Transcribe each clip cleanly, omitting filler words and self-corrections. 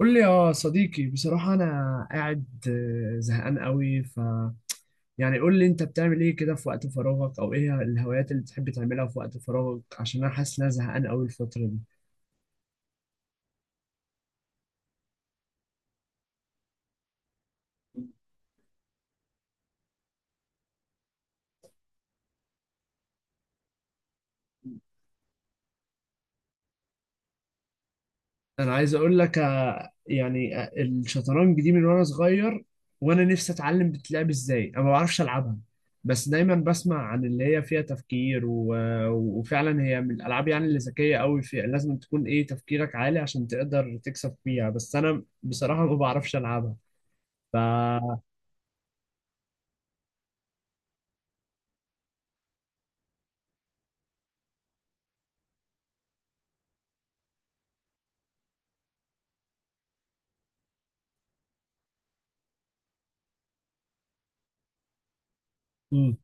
قول لي يا صديقي، بصراحة أنا قاعد زهقان قوي يعني قول لي، أنت بتعمل إيه كده في وقت فراغك؟ أو إيه الهوايات اللي بتحب تعملها في وقت فراغك؟ عشان أنا حاسس إن أنا زهقان قوي الفترة دي. أنا عايز أقول لك يعني الشطرنج دي من وأنا صغير، وأنا نفسي أتعلم بتلعب إزاي. أنا ما بعرفش ألعبها، بس دايما بسمع عن اللي هي فيها تفكير وفعلا هي من الألعاب، يعني اللي ذكية قوي، فيها لازم تكون إيه تفكيرك عالي عشان تقدر تكسب فيها. بس أنا بصراحة ما بعرفش ألعبها. ف امم.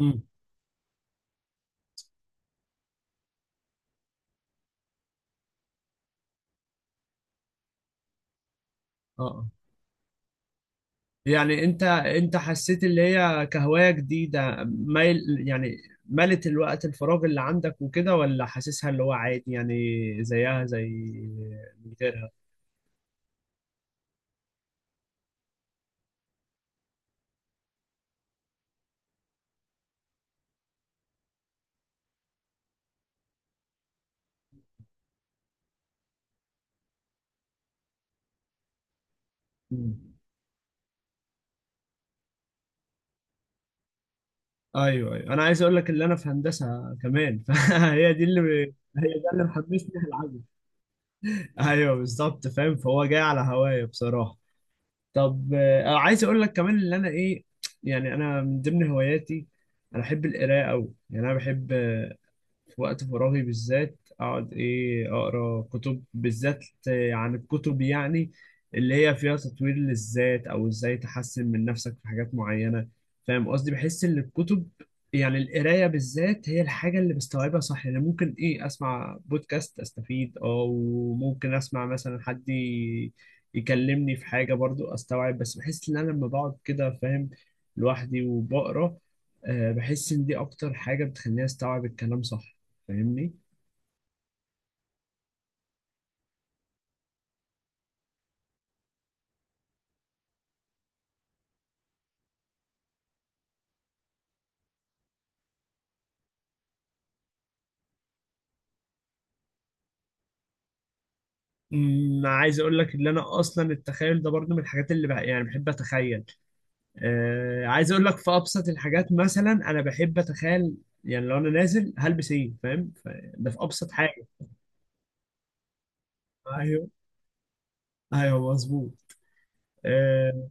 امم. اه آه. يعني انت حسيت اللي هي كهواية جديدة، يعني ملت الوقت الفراغ اللي عندك وكده، ولا حاسسها اللي هو عادي يعني؟ زيها زي من غيرها. مم. ايوه، ايوه، انا عايز اقول لك اللي انا في هندسة كمان. فهي دي اللي هي ده اللي محمسني العجب. ايوه بالظبط، فاهم؟ فهو جاي على هوايا بصراحة. طب، عايز اقول لك كمان اللي انا ايه. يعني انا من ضمن هواياتي، انا بحب القراءه قوي. يعني انا بحب وقت فراغي بالذات اقعد ايه اقرا كتب، بالذات عن الكتب يعني اللي هي فيها تطوير للذات او ازاي تحسن من نفسك في حاجات معينة. فاهم قصدي؟ بحس ان الكتب يعني القراية بالذات هي الحاجة اللي بستوعبها صح. يعني ممكن ايه اسمع بودكاست استفيد، او ممكن اسمع مثلا حد يكلمني في حاجة برضو استوعب. بس بحس ان انا لما بقعد كده فاهم لوحدي وبقرا، بحس ان دي اكتر حاجة بتخليني استوعب الكلام صح. فاهمني؟ عايز اقول لك ان انا اصلا التخيل ده برضه من الحاجات اللي يعني بحب اتخيل. عايز اقول لك في ابسط الحاجات، مثلا انا بحب اتخيل يعني لو انا نازل هلبس ايه، فاهم؟ ده في ابسط حاجه. ايوه، ايوه، مظبوط. آه،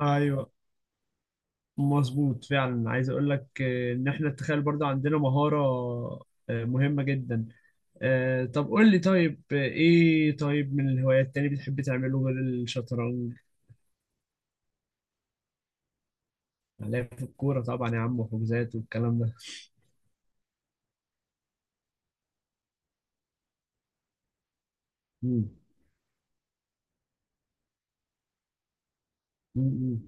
ايوه، مظبوط فعلا. عايز اقول لك ان احنا التخيل برضه عندنا مهاره مهمه جدا. طب قول لي، طيب ايه طيب من الهوايات تاني بتحب تعمله غير الشطرنج؟ هنلاقي في الكورة طبعا يا عم، وحجوزات والكلام ده. مم. مم. مم.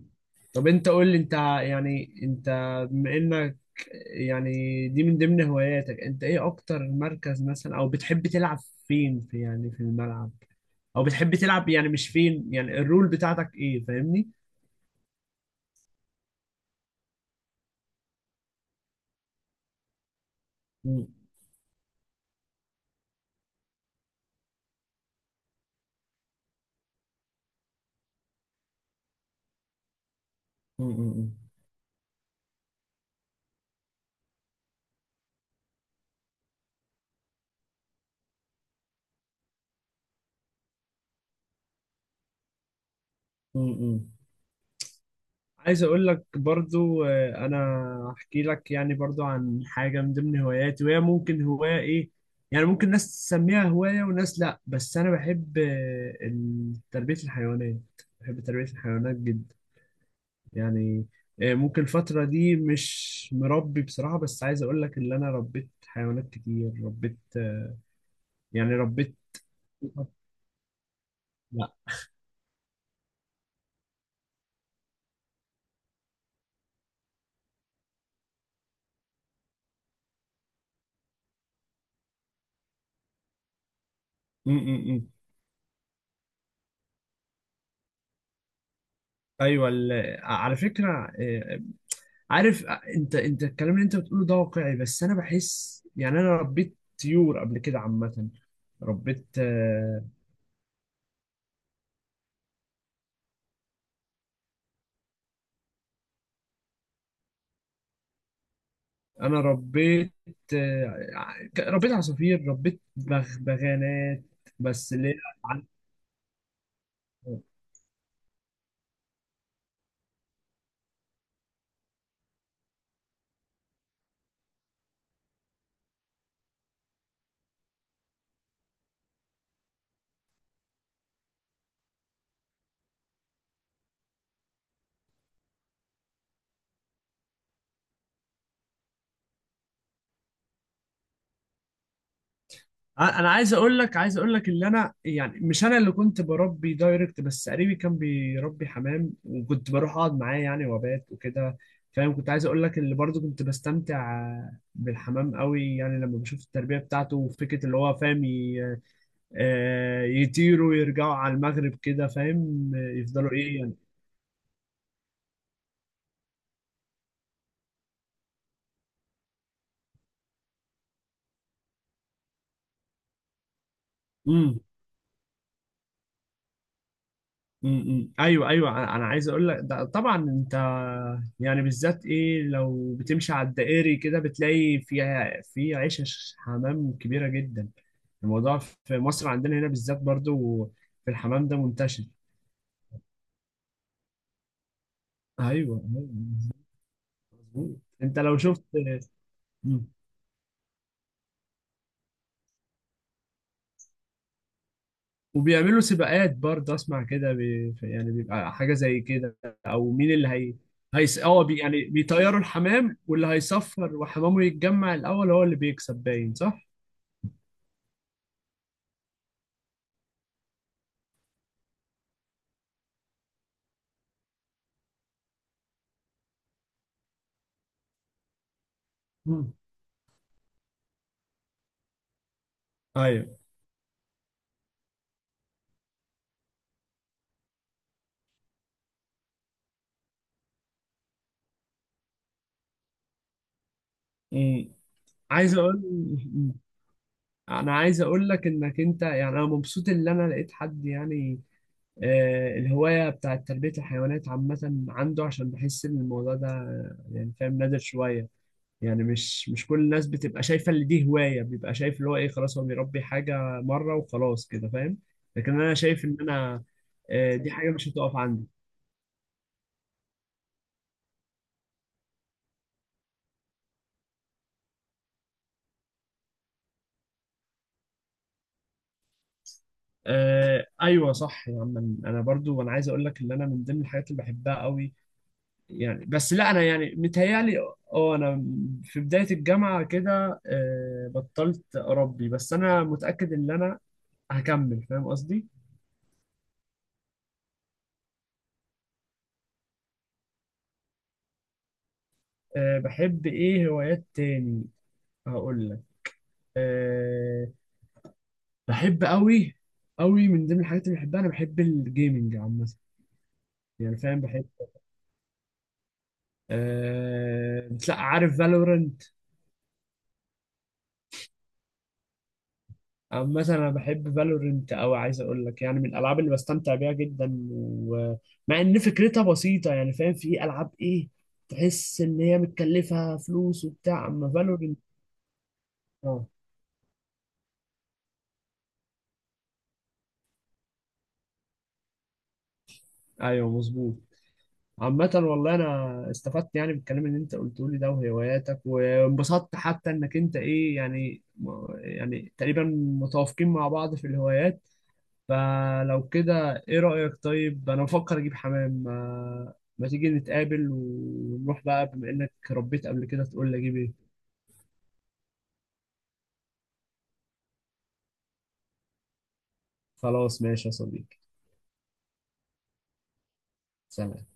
طب انت قول لي، انت يعني، انت بما انك، يعني دي من ضمن هواياتك، انت ايه اكتر مركز مثلا او بتحب تلعب فين، في يعني في الملعب؟ او بتحب تلعب يعني، مش فين يعني، الرول بتاعتك ايه، فاهمني؟ مم. مم. مم. مم. مم. عايز اقول لك برضو انا احكي لك يعني برضو عن حاجه من ضمن هواياتي، وهي ممكن هوايه ايه. يعني ممكن ناس تسميها هوايه وناس لا، بس انا بحب تربيه الحيوانات. بحب تربيه الحيوانات جدا يعني. ممكن الفتره دي مش مربي بصراحه، بس عايز اقول لك ان انا ربيت حيوانات كتير. ربيت يعني ربيت. لا. م -م -م. ايوه، على فكره عارف انت الكلام اللي انت بتقوله ده واقعي، بس انا بحس يعني انا ربيت طيور قبل كده عامة. ربيت انا ربيت ربيت عصافير، ربيت بغانات. بس اللي هي انا عايز اقول لك اللي انا يعني، مش انا اللي كنت بربي دايركت، بس قريبي كان بيربي حمام وكنت بروح اقعد معاه يعني وبات وكده، فاهم. كنت عايز اقول لك اللي برضه كنت بستمتع بالحمام قوي، يعني لما بشوف التربية بتاعته وفكرة اللي هو، فاهم؟ يطيروا ويرجعوا على المغرب كده، فاهم؟ يفضلوا ايه يعني. ايوه، ايوه، أنا عايز اقول لك ده طبعا. انت يعني بالذات ايه، لو بتمشي على الدائري كده بتلاقي فيها في عيشه حمام كبيره جدا. الموضوع في مصر عندنا هنا بالذات برضو، في الحمام ده منتشر. ايوه، أيوة، مظبوط. انت لو شفت. مم. وبيعملوا سباقات برضه، اسمع كده. يعني بيبقى حاجه زي كده، او مين اللي هي. هيس، يعني بيطيروا الحمام، واللي هيصفر وحمامه يتجمع الاول هو اللي بيكسب، باين صح. مم. ايوه. مم. عايز اقول انا عايز اقول لك انك انت يعني، انا مبسوط ان انا لقيت حد يعني الهوايه بتاعت تربيه الحيوانات عامه عنده. عشان بحس ان الموضوع ده يعني فاهم نادر شويه. يعني مش كل الناس بتبقى شايفه ان دي هوايه، بيبقى شايف اللي هو ايه، خلاص هو بيربي حاجه مره وخلاص كده، فاهم. لكن انا شايف ان انا دي حاجه مش هتقف عندي. آه، ايوه، صح يا عم. انا برضو انا عايز اقول لك ان انا من ضمن الحاجات اللي بحبها قوي يعني. بس لا، انا يعني متهيالي، اه انا في بداية الجامعة كده بطلت اربي. بس انا متأكد ان انا هكمل، فاهم قصدي. بحب ايه هوايات تاني؟ هقول لك. أه بحب قوي قوي. من ضمن الحاجات اللي بحبها انا بحب الجيمنج عامة، يعني فاهم، بحب. لا عارف Valorant. عامة أنا بحب فالورنت أوي. عايز أقول لك يعني من الألعاب اللي بستمتع بيها جدا، ومع إن فكرتها بسيطة يعني فاهم، في ألعاب إيه تحس إن هي متكلفة فلوس وبتاع، أما فالورنت. أه، أيوه، مظبوط. عامة والله، أنا استفدت يعني بالكلام اللي أنت قلته لي ده وهواياتك، وانبسطت حتى إنك أنت إيه يعني تقريبا متوافقين مع بعض في الهوايات. فلو كده ايه رأيك؟ طيب انا بفكر اجيب حمام، ما تيجي نتقابل ونروح بقى، بما انك ربيت قبل كده تقول لي اجيب ايه. خلاص ماشي يا صديقي. سلام.